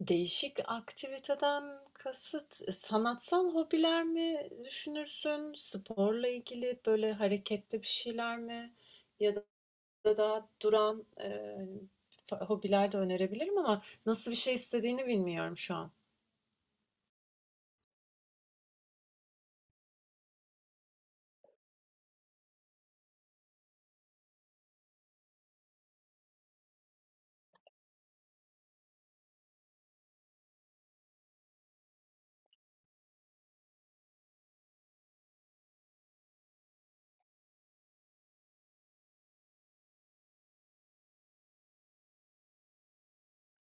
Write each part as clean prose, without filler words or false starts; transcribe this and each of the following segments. Değişik aktiviteden kasıt, sanatsal hobiler mi düşünürsün? Sporla ilgili böyle hareketli bir şeyler mi? Ya da daha duran, hobiler de önerebilirim ama nasıl bir şey istediğini bilmiyorum şu an.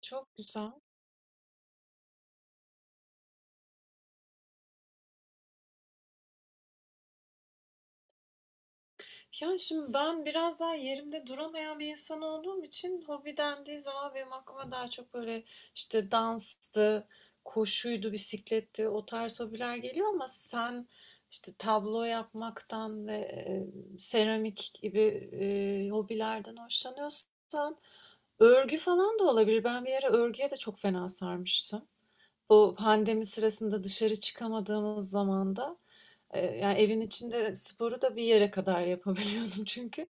Çok güzel. Yani şimdi ben biraz daha yerimde duramayan bir insan olduğum için hobi dendiği zaman benim aklıma daha çok böyle işte danstı, koşuydu, bisikletti o tarz hobiler geliyor ama sen işte tablo yapmaktan ve seramik gibi hobilerden hoşlanıyorsan örgü falan da olabilir. Ben bir ara örgüye de çok fena sarmıştım. Bu pandemi sırasında dışarı çıkamadığımız zamanda, yani, evin içinde sporu da bir yere kadar yapabiliyordum çünkü.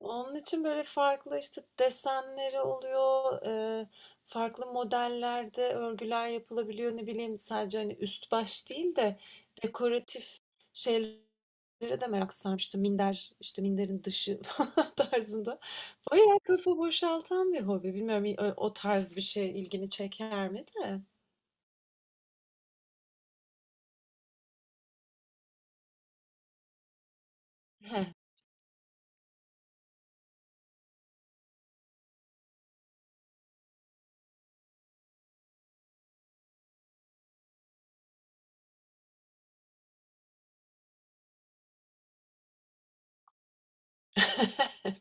Onun için, böyle, farklı, işte, desenleri oluyor, farklı modellerde örgüler yapılabiliyor. Ne bileyim, sadece, hani, üst baş değil de dekoratif şeylere de merak sarmıştım. Minder, işte, minderin dışı falan tarzında. Bayağı kafa boşaltan bir hobi. Bilmiyorum, o tarz bir şey ilgini çeker mi de?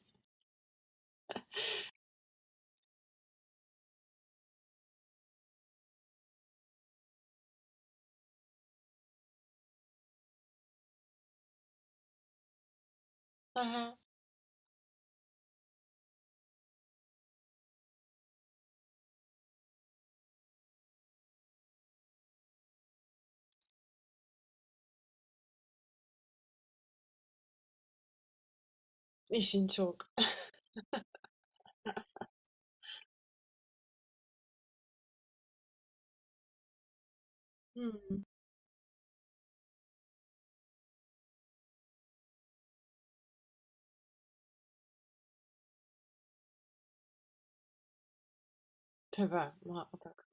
Aha, işin çok. Hmm, tabii muhakkak.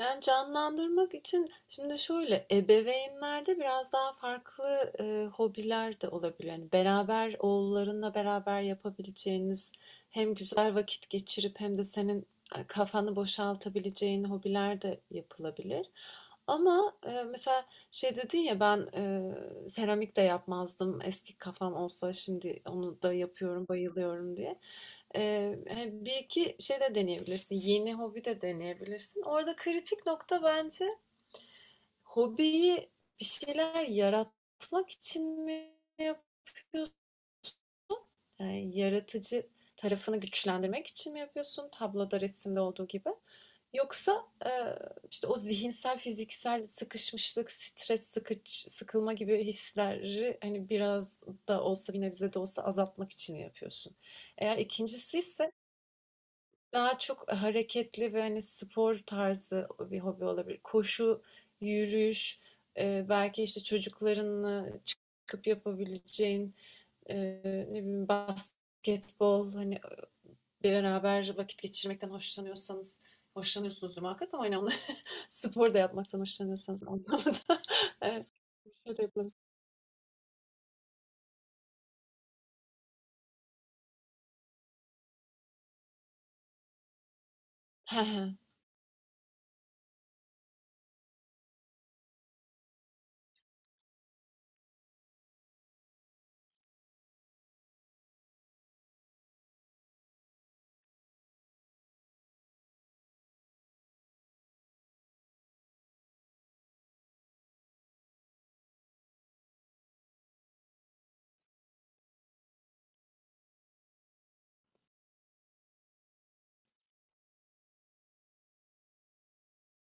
Yani canlandırmak için şimdi şöyle ebeveynlerde biraz daha farklı hobiler de olabilir. Yani beraber oğullarınla beraber yapabileceğiniz hem güzel vakit geçirip hem de senin kafanı boşaltabileceğin hobiler de yapılabilir. Ama mesela şey dedin ya ben seramik de yapmazdım. Eski kafam olsa şimdi onu da yapıyorum, bayılıyorum diye. Hani bir iki şey de deneyebilirsin. Yeni hobi de deneyebilirsin. Orada kritik nokta bence hobiyi bir şeyler yaratmak için mi yapıyorsun? Yani yaratıcı tarafını güçlendirmek için mi yapıyorsun? Tabloda, resimde olduğu gibi. Yoksa işte o zihinsel, fiziksel sıkışmışlık, stres, sıkılma gibi hisleri hani biraz da olsa bir nebze de olsa azaltmak için mi yapıyorsun? Eğer ikincisi ise daha çok hareketli ve hani spor tarzı bir hobi olabilir. Koşu, yürüyüş, belki işte çocuklarınla çıkıp yapabileceğin e, ne bileyim basketbol, hani beraber vakit geçirmekten hoşlanıyorsanız hoşlanıyorsunuzdur muhakkak ama hani onu spor da yapmaktan hoşlanıyorsanız anlamında. Evet, şey de yapılabilir.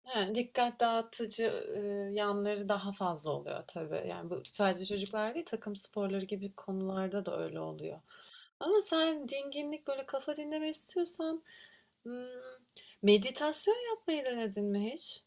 He, dikkat dağıtıcı, yanları daha fazla oluyor tabii. Yani, bu sadece çocuklar değil, takım sporları gibi konularda da öyle oluyor. Ama sen dinginlik, böyle kafa dinleme istiyorsan, ımm, meditasyon yapmayı denedin mi hiç?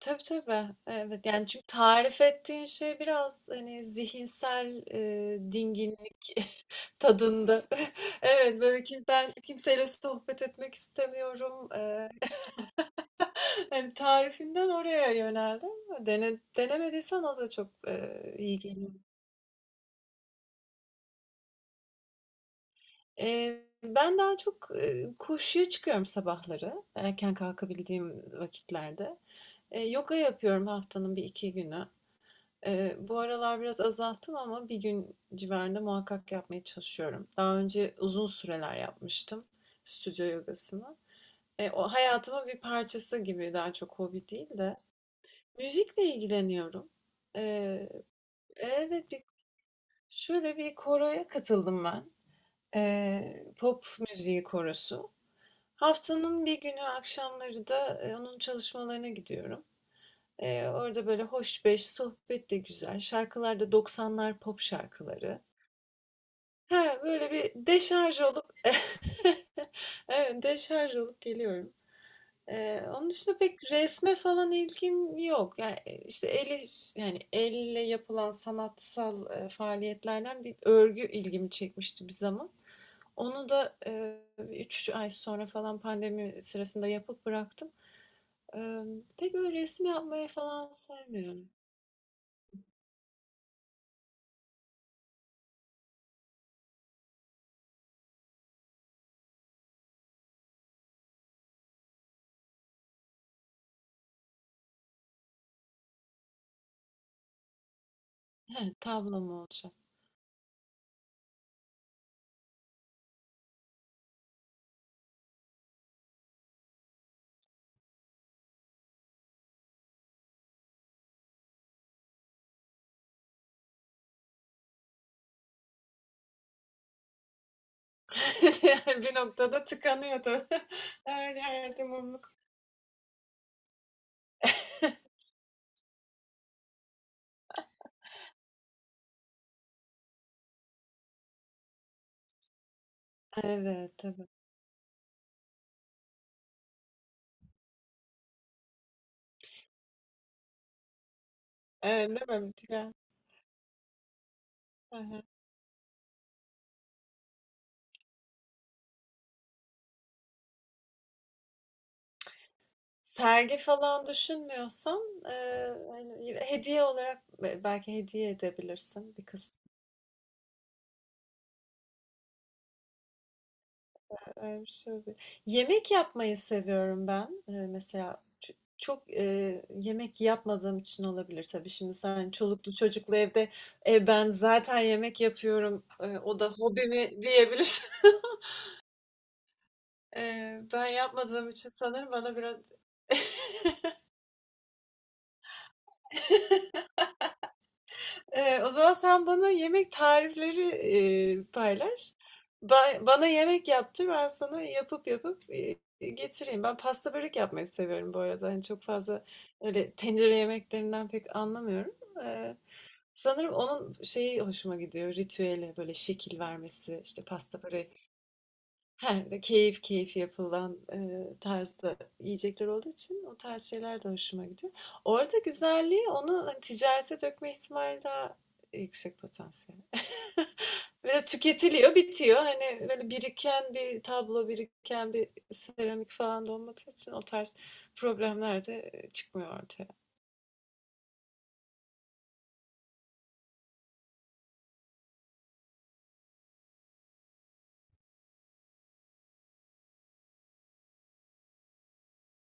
Tabii, tabii. Evet, yani, çünkü tarif ettiğin şey biraz, hani, zihinsel, dinginlik tadında. Evet, böyle, ki ben kimseyle sohbet etmek istemiyorum, hani tarifinden oraya yöneldim. Dene denemediysen o da çok, iyi geliyor. Ben daha çok, koşuya çıkıyorum sabahları, erken kalkabildiğim vakitlerde. Yoga yapıyorum haftanın bir iki günü. Bu aralar biraz azalttım ama bir gün civarında muhakkak yapmaya çalışıyorum. Daha önce uzun süreler yapmıştım stüdyo yogasını. O hayatımın bir parçası gibi, daha çok hobi değil de. Müzikle ilgileniyorum. Evet, şöyle bir koroya katıldım ben. Pop müziği korosu. Haftanın bir günü akşamları da onun çalışmalarına gidiyorum. Orada böyle hoş beş, sohbet de güzel. Şarkılar da doksanlar pop şarkıları. Ha, böyle bir deşarj olup, evet, deşarj olup geliyorum. Onun dışında pek resme falan ilgim yok. Yani işte yani elle yapılan sanatsal faaliyetlerden bir örgü ilgimi çekmişti bir zaman. Onu da 3 ay sonra falan pandemi sırasında yapıp bıraktım. Pek öyle resim yapmayı falan sevmiyorum. He, tablo mu olacak. Yani bir noktada tıkanıyor tabii. Her yerde mumluk. Evet, tabii. Evet, değil mi? Tıkan hı sergi falan düşünmüyorsam, hani, hediye olarak belki hediye edebilirsin bir kısmını. Öyle bir şey oluyor. Yemek yapmayı seviyorum ben. Mesela çok yemek yapmadığım için olabilir tabii. Şimdi sen çoluklu çocuklu evde, "E, ben zaten yemek yapıyorum. O da hobimi diyebilirsin." Ben yapmadığım için sanırım bana biraz o zaman sen bana yemek tarifleri, paylaş. Bana yemek yaptır, ben sana yapıp, getireyim. Ben pasta börek yapmayı seviyorum bu arada. Hani çok fazla öyle tencere yemeklerinden pek anlamıyorum. Sanırım onun şeyi hoşuma gidiyor, ritüeli, böyle şekil vermesi, işte pasta böreği. He, keyif keyif yapılan tarzda yiyecekler olduğu için o tarz şeyler de hoşuma gidiyor. Orada güzelliği onu hani ticarete dökme ihtimali daha yüksek potansiyel. Ve de tüketiliyor, bitiyor. Hani böyle biriken bir tablo, biriken bir seramik falan da olmadığı için o tarz problemler de çıkmıyor ortaya.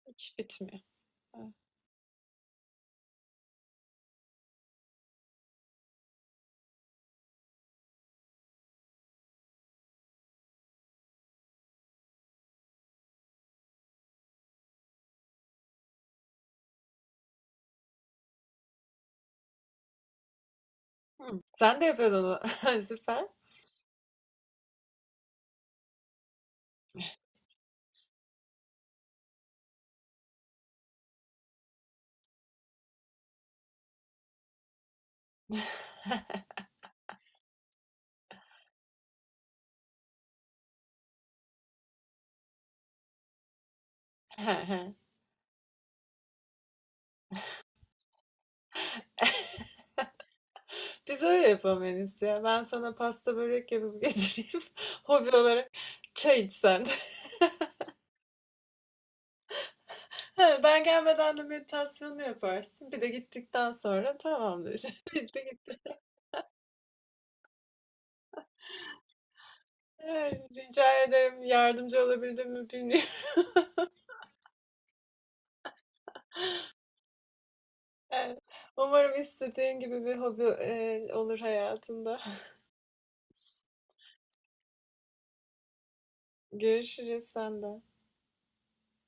Hiç bitmiyor. Evet. Hı. Sen de yapıyordun onu. Süper. He, he. Biz öyle yapamayız ya. Ben sana pasta börek yapıp getireyim. Hobi olarak çay içsen de. Ha, ben gelmeden de meditasyonu yaparsın. Bir de gittikten sonra tamamdır. Bitti gitti. Evet, rica ederim. Yardımcı olabildim mi bilmiyorum. Evet. Umarım istediğin gibi bir hobi olur hayatında. Görüşürüz senden.